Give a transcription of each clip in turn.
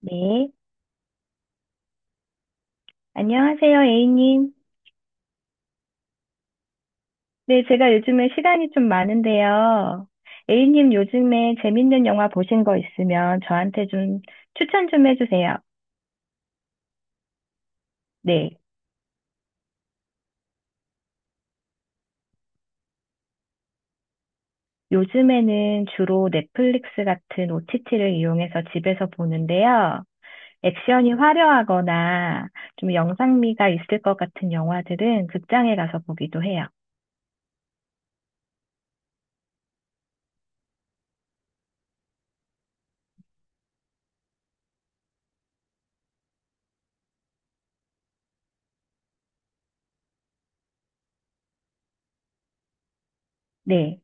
네. 안녕하세요, A님. 네, 제가 요즘에 시간이 좀 많은데요. A님 요즘에 재밌는 영화 보신 거 있으면 저한테 좀 추천 좀 해주세요. 네. 요즘에는 주로 넷플릭스 같은 OTT를 이용해서 집에서 보는데요. 액션이 화려하거나 좀 영상미가 있을 것 같은 영화들은 극장에 가서 보기도 해요. 네.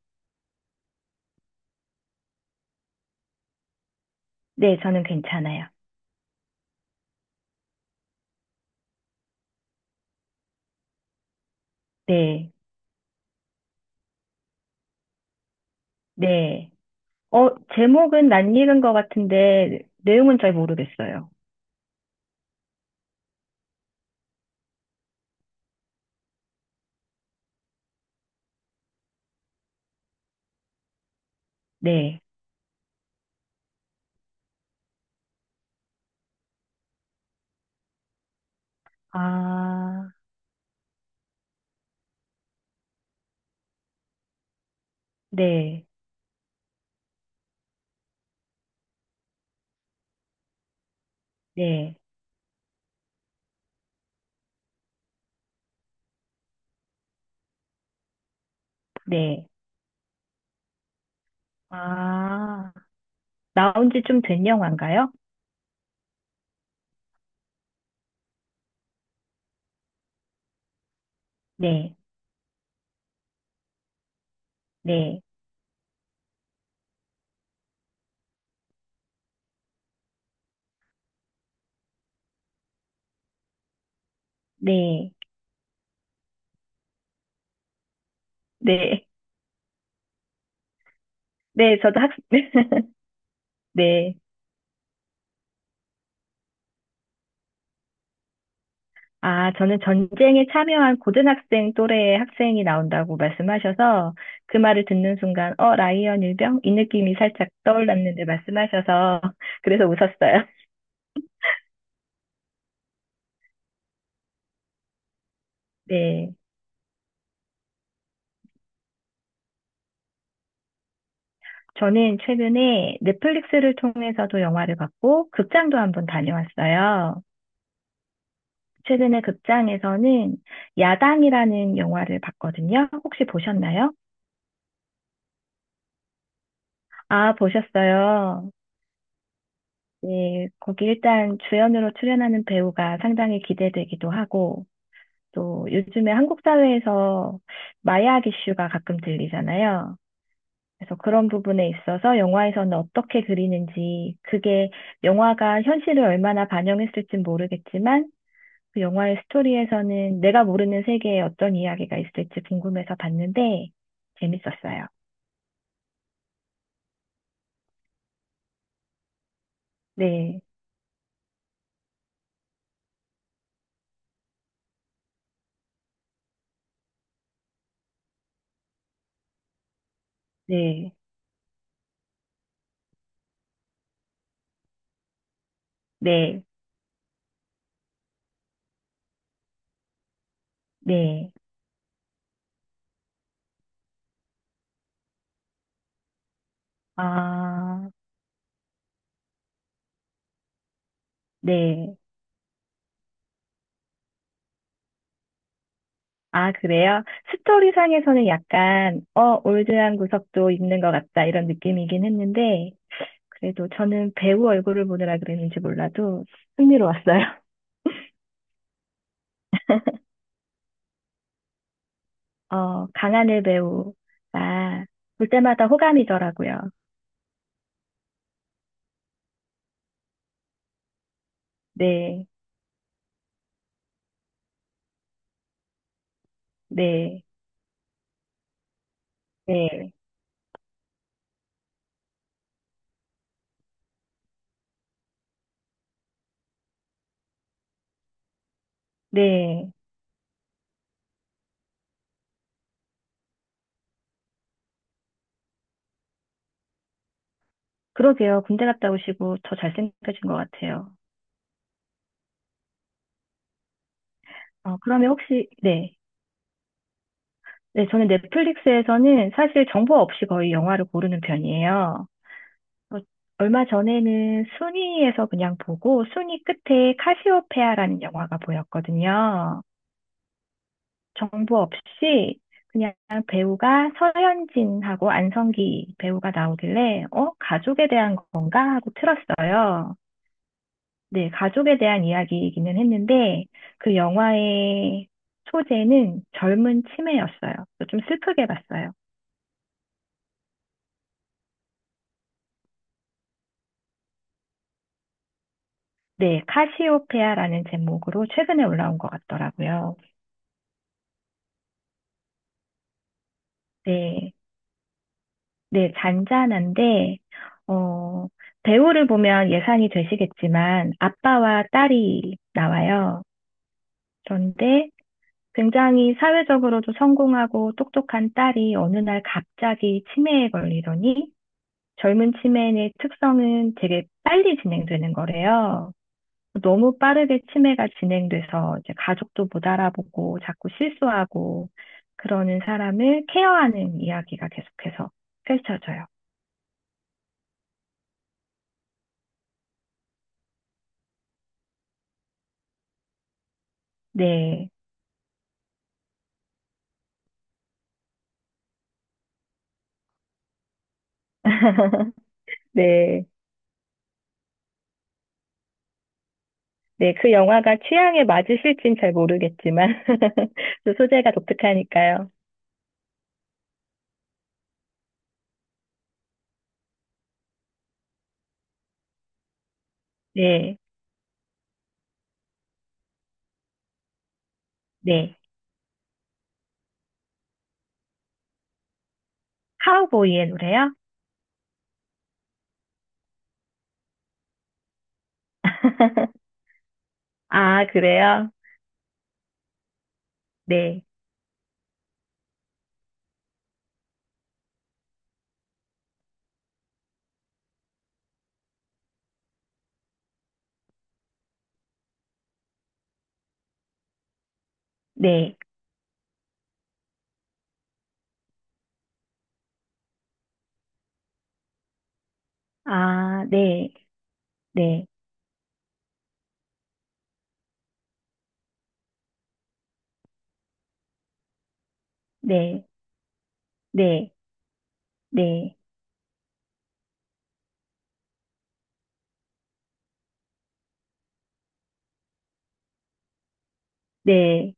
네, 저는 괜찮아요. 네. 네. 어, 제목은 낯 익은 것 같은데, 내용은 잘 모르겠어요. 네, 아, 네, 네, 네. 아, 나온 지 좀 된 영화인가요? 네, 네, 네, 네. 네, 저도 학, 네. 아, 저는 전쟁에 참여한 고등학생 또래의 학생이 나온다고 말씀하셔서 그 말을 듣는 순간, 어, 라이언 일병? 이 느낌이 살짝 떠올랐는데 말씀하셔서 그래서 웃었어요. 네. 저는 최근에 넷플릭스를 통해서도 영화를 봤고, 극장도 한번 다녀왔어요. 최근에 극장에서는 야당이라는 영화를 봤거든요. 혹시 보셨나요? 아, 보셨어요. 네, 거기 일단 주연으로 출연하는 배우가 상당히 기대되기도 하고, 또 요즘에 한국 사회에서 마약 이슈가 가끔 들리잖아요. 그래서 그런 부분에 있어서 영화에서는 어떻게 그리는지, 그게 영화가 현실을 얼마나 반영했을진 모르겠지만, 그 영화의 스토리에서는 내가 모르는 세계에 어떤 이야기가 있을지 궁금해서 봤는데 재밌었어요. 네, 네, 네, 네. 아, 네. 아, 그래요? 스토리상에서는 약간, 어, 올드한 구석도 있는 것 같다, 이런 느낌이긴 했는데, 그래도 저는 배우 얼굴을 보느라 그랬는지 몰라도 흥미로웠어요. 강하늘 배우가 볼 때마다 호감이더라고요. 네, 네, 네, 네. 그러게요. 군대 갔다 오시고 더 잘생겨진 것 같아요. 어, 그러면 혹시, 네. 네, 저는 넷플릭스에서는 사실 정보 없이 거의 영화를 고르는 편이에요. 어, 얼마 전에는 순위에서 그냥 보고 순위 끝에 카시오페아라는 영화가 보였거든요. 정보 없이 그냥 배우가 서현진하고 안성기 배우가 나오길래, 어, 가족에 대한 건가? 하고 틀었어요. 네, 가족에 대한 이야기이기는 했는데, 그 영화의 소재는 젊은 치매였어요. 그래서 좀 슬프게 봤어요. 네, 카시오페아라는 제목으로 최근에 올라온 것 같더라고요. 네, 네, 잔잔한데, 어, 배우를 보면 예상이 되시겠지만, 아빠와 딸이 나와요. 그런데 굉장히 사회적으로도 성공하고 똑똑한 딸이 어느 날 갑자기 치매에 걸리더니, 젊은 치매의 특성은 되게 빨리 진행되는 거래요. 너무 빠르게 치매가 진행돼서 이제 가족도 못 알아보고 자꾸 실수하고 그러는 사람을 케어하는 이야기가 계속해서 펼쳐져요. 네. 네. 네. 그 영화가 취향에 맞으실진 잘 모르겠지만 또 소재가 독특하니까요. 네. 네. 카우보이의 노래요? 아, 그래요? 네. 네. 아, 네. 네, 네, 네, 네, 네,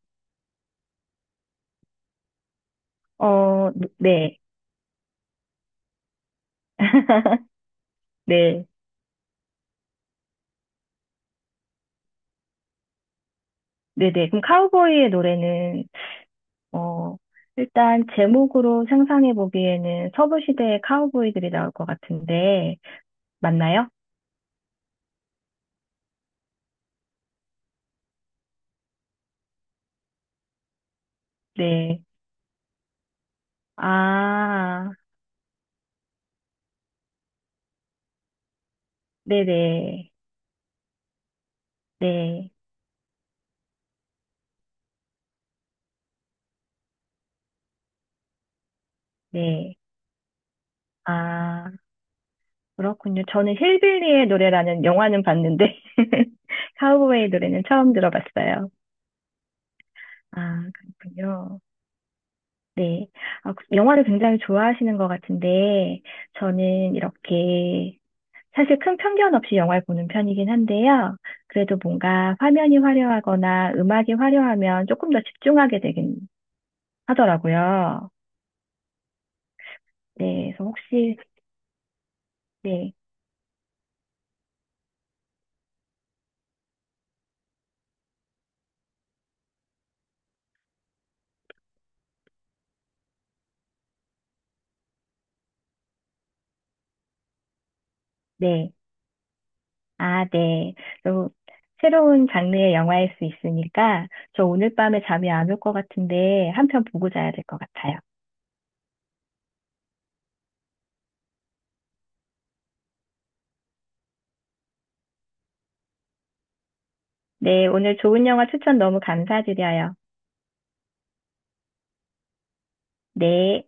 어, 네, 네, 네, 네. 그럼 카우보이의 노래는, 어, 일단 제목으로 상상해 보기에는 서부 시대의 카우보이들이 나올 것 같은데, 맞나요? 네, 아, 네네, 네, 네, 네. 아, 그렇군요. 저는 힐빌리의 노래라는 영화는 봤는데, 카우보이의 노래는 처음 들어봤어요. 아, 그렇군요. 네. 아, 그- 영화를 굉장히 좋아하시는 것 같은데, 저는 이렇게, 사실 큰 편견 없이 영화를 보는 편이긴 한데요. 그래도 뭔가 화면이 화려하거나 음악이 화려하면 조금 더 집중하게 되긴 하더라고요. 네. 그래서 혹시, 네, 네. 아, 네. 또, 새로운 장르의 영화일 수 있으니까, 저 오늘 밤에 잠이 안 올 것 같은데, 한편 보고 자야 될 것 같아요. 네. 오늘 좋은 영화 추천 너무 감사드려요. 네.